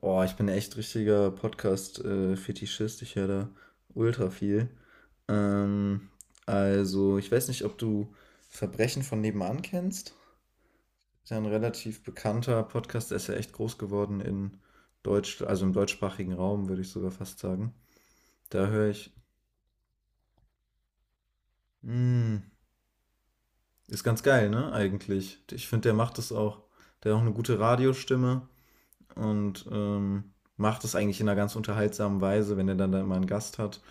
Boah, ich bin echt richtiger Podcast-Fetischist. Ich höre da ultra viel. Ähm, also, ich weiß nicht, ob du Verbrechen von nebenan kennst. Ist ja ein relativ bekannter Podcast, der ist ja echt groß geworden in Deutsch, also im deutschsprachigen Raum, würde ich sogar fast sagen. Da höre ich, mm, ist ganz geil, ne, eigentlich. Ich finde, der macht das auch, der hat auch eine gute Radiostimme und macht das eigentlich in einer ganz unterhaltsamen Weise, wenn er dann da immer einen Gast hat.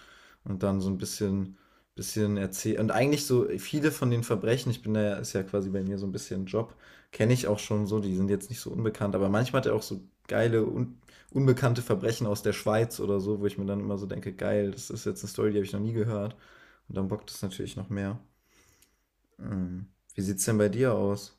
Und dann so ein bisschen bisschen erzäh und eigentlich so viele von den Verbrechen, ich bin da ja, ist ja quasi bei mir so ein bisschen Job, kenne ich auch schon so, die sind jetzt nicht so unbekannt, aber manchmal hat er auch so geile un unbekannte Verbrechen aus der Schweiz oder so, wo ich mir dann immer so denke: „Geil, das ist jetzt eine Story, die habe ich noch nie gehört.“ Und dann bockt es natürlich noch mehr. Mhm. Wie sieht's denn bei dir aus?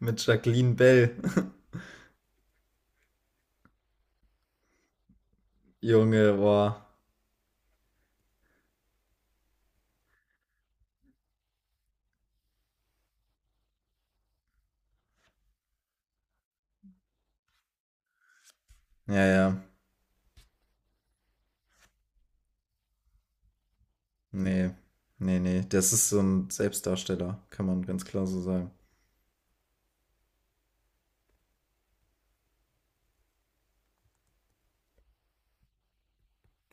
Mit Jacqueline Bell. Junge, boah. Ja, ja. Nee, nee, nee. Das ist so ein Selbstdarsteller, kann man ganz klar so sagen.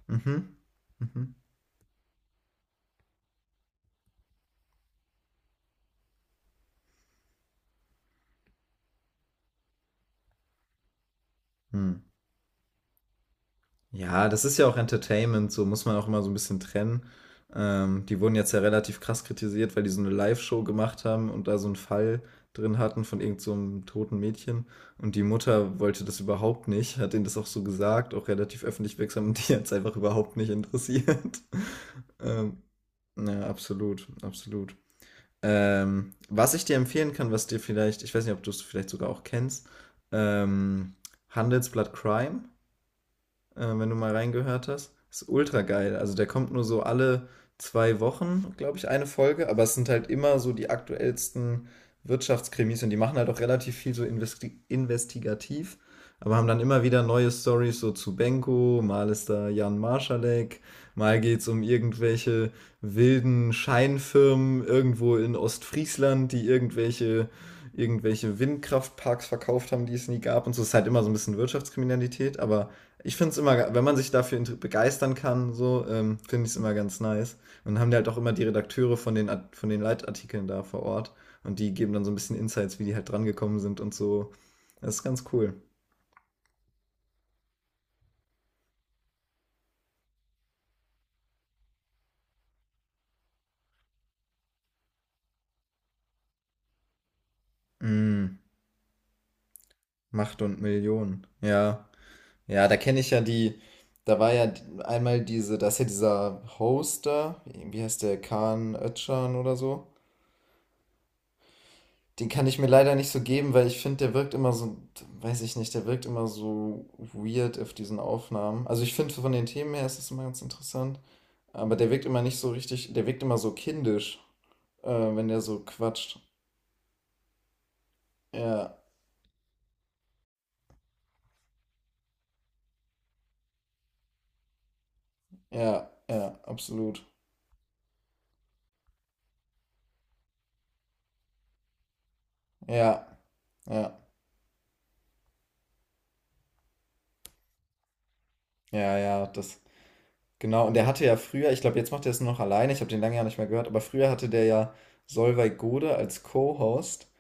Mhm. Mhm. Hm. Ja, das ist ja auch Entertainment, so muss man auch immer so ein bisschen trennen. Die wurden jetzt ja relativ krass kritisiert, weil die so eine Live-Show gemacht haben und da so einen Fall drin hatten von irgend so 'nem toten Mädchen. Und die Mutter wollte das überhaupt nicht, hat denen das auch so gesagt, auch relativ öffentlich wirksam und die hat's einfach überhaupt nicht interessiert. Ähm, ja, absolut, absolut. Was ich dir empfehlen kann, was dir vielleicht, ich weiß nicht, ob du es vielleicht sogar auch kennst, ähm, Handelsblatt Crime. Wenn du mal reingehört hast. Ist ultra geil. Also der kommt nur so alle zwei Wochen, glaube ich, eine Folge, aber es sind halt immer so die aktuellsten Wirtschaftskrimis und die machen halt auch relativ viel so investigativ, aber haben dann immer wieder neue Stories so zu Benko, mal ist da Jan Marschalek, mal geht's um irgendwelche wilden Scheinfirmen irgendwo in Ostfriesland, die irgendwelche Windkraftparks verkauft haben, die es nie gab und so. Es ist halt immer so ein bisschen Wirtschaftskriminalität, aber ich finde es immer, wenn man sich dafür begeistern kann, so, finde ich es immer ganz nice. Und dann haben die halt auch immer die Redakteure von den, von den Leitartikeln da vor Ort. Und die geben dann so ein bisschen Insights, wie die halt dran gekommen sind und so. Das ist ganz cool. Mm, Macht und Millionen. Ja. Ja, da kenne ich ja die. Da war ja einmal diese, da ist ja dieser Hoster, wie heißt der, Kaan Öcalan oder so. Den kann ich mir leider nicht so geben, weil ich finde, der wirkt immer so, weiß ich nicht, der wirkt immer so weird auf diesen Aufnahmen. Also ich finde, von den Themen her ist es immer ganz interessant, aber der wirkt immer nicht so richtig, der wirkt immer so kindisch, äh, wenn der so quatscht. Ja, ja, ja, absolut. Ja, ja, ja, ja, das, genau. Und der hatte ja früher, ich glaube, jetzt macht er es nur noch alleine, ich habe den lange ja nicht mehr gehört, aber früher hatte der ja Solveig Gode als Co-Host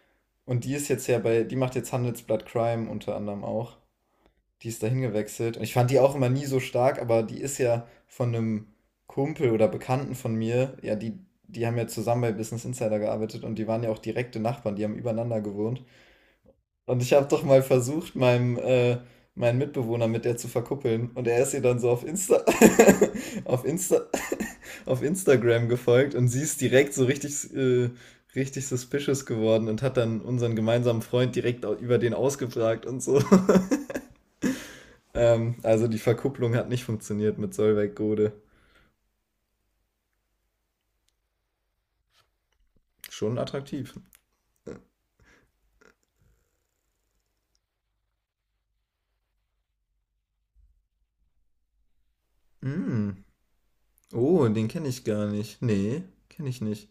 und die ist jetzt ja bei, die macht jetzt Handelsblatt Crime unter anderem auch. Die ist dahin gewechselt. Und ich fand die auch immer nie so stark, aber die ist ja von einem Kumpel oder Bekannten von mir, ja, die, die haben ja zusammen bei Business Insider gearbeitet und die waren ja auch direkte Nachbarn, die haben übereinander gewohnt. Und ich habe doch mal versucht, meinem meinen Mitbewohner mit der zu verkuppeln und er ist ihr dann so auf Insta auf Insta auf Instagram gefolgt und sie ist direkt so richtig richtig suspicious geworden und hat dann unseren gemeinsamen Freund direkt über den ausgefragt und so. Also die Verkupplung hat nicht funktioniert mit Solveig-Gode. Schon attraktiv. Mm. Oh, den kenne ich gar nicht. Nee, kenne ich nicht.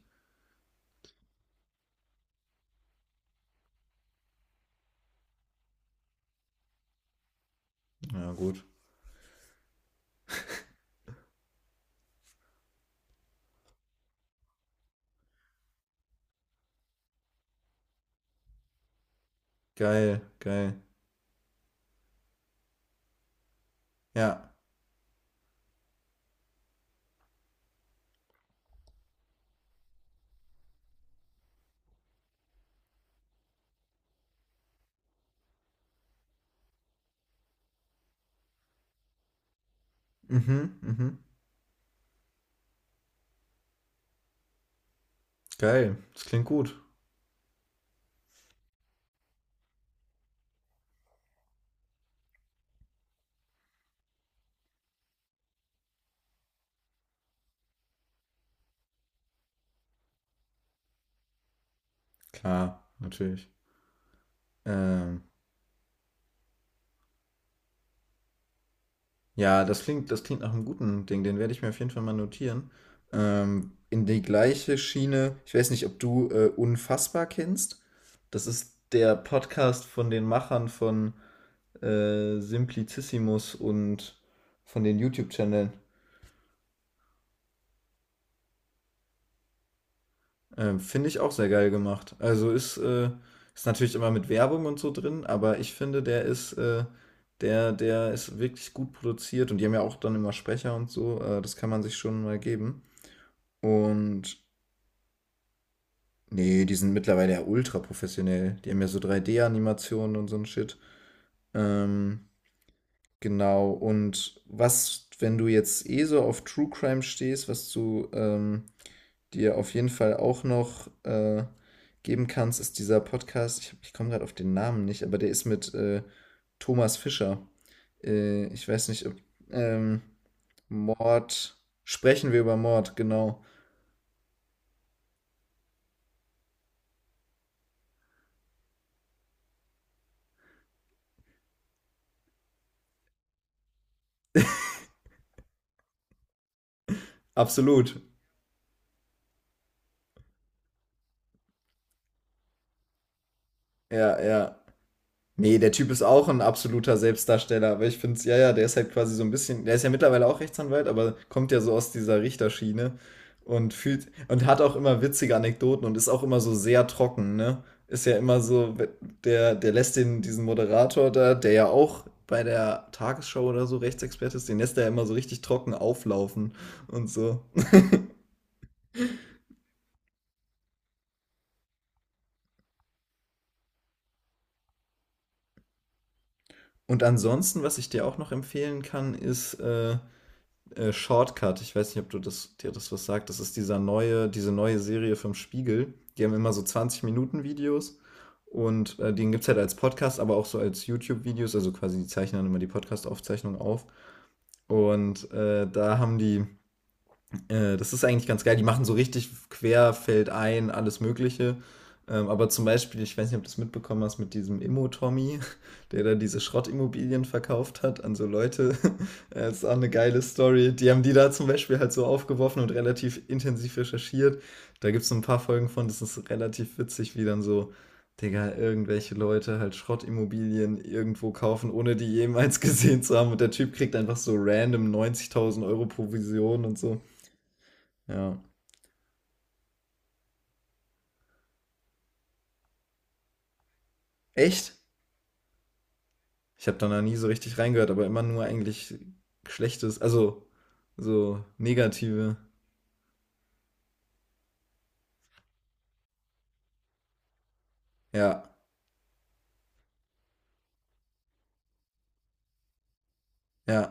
Ja, gut. Geil, geil. Ja. Mhm, mhm. Geil. Das klingt gut. Klar, natürlich. Ähm, ja, das klingt nach einem guten Ding. Den werde ich mir auf jeden Fall mal notieren. In die gleiche Schiene. Ich weiß nicht, ob du Unfassbar kennst. Das ist der Podcast von den Machern von Simplicissimus und von den YouTube-Channeln. Finde ich auch sehr geil gemacht. Also ist natürlich immer mit Werbung und so drin, aber ich finde, der ist wirklich gut produziert und die haben ja auch dann immer Sprecher und so. Das kann man sich schon mal geben. Und nee, die sind mittlerweile ja ultra professionell. Die haben ja so 3D-Animationen und so ein Shit. Ähm, genau. Und was, wenn du jetzt eh so auf True Crime stehst, was du dir auf jeden Fall auch noch geben kannst, ist dieser Podcast. Ich komme gerade auf den Namen nicht, aber der ist mit Thomas Fischer. Ich weiß nicht, ob ähm, Mord. Sprechen wir über Mord, genau. Absolut. Ja, ja. Nee, der Typ ist auch ein absoluter Selbstdarsteller, aber ich finde es, ja, ja, der ist halt quasi so ein bisschen, der ist ja mittlerweile auch Rechtsanwalt, aber kommt ja so aus dieser Richterschiene und fühlt und hat auch immer witzige Anekdoten und ist auch immer so sehr trocken, ne? Ist ja immer so, der, der lässt den, diesen Moderator da, der ja auch bei der Tagesschau oder so Rechtsexperte ist, den lässt er ja immer so richtig trocken auflaufen und so. Und ansonsten, was ich dir auch noch empfehlen kann, ist Shortcut. Ich weiß nicht, ob du das, dir das was sagt. Das ist dieser neue, diese neue Serie vom Spiegel. Die haben immer so 20-Minuten-Videos und den gibt es halt als Podcast, aber auch so als YouTube-Videos. Also quasi, die zeichnen dann immer die Podcast-Aufzeichnung auf. Und da haben die Das ist eigentlich ganz geil. Die machen so richtig quer, fällt ein, alles Mögliche. Aber zum Beispiel, ich weiß nicht, ob du es mitbekommen hast, mit diesem Immo-Tommy, der da diese Schrottimmobilien verkauft hat an so Leute. Das ist auch eine geile Story. Die haben die da zum Beispiel halt so aufgeworfen und relativ intensiv recherchiert. Da gibt es so ein paar Folgen von, das ist relativ witzig, wie dann so, Digga, irgendwelche Leute halt Schrottimmobilien irgendwo kaufen, ohne die jemals gesehen zu haben. Und der Typ kriegt einfach so random 90.000 Euro Provision und so. Ja. Echt? Ich habe da noch nie so richtig reingehört, aber immer nur eigentlich Schlechtes, also so negative. Ja, ja.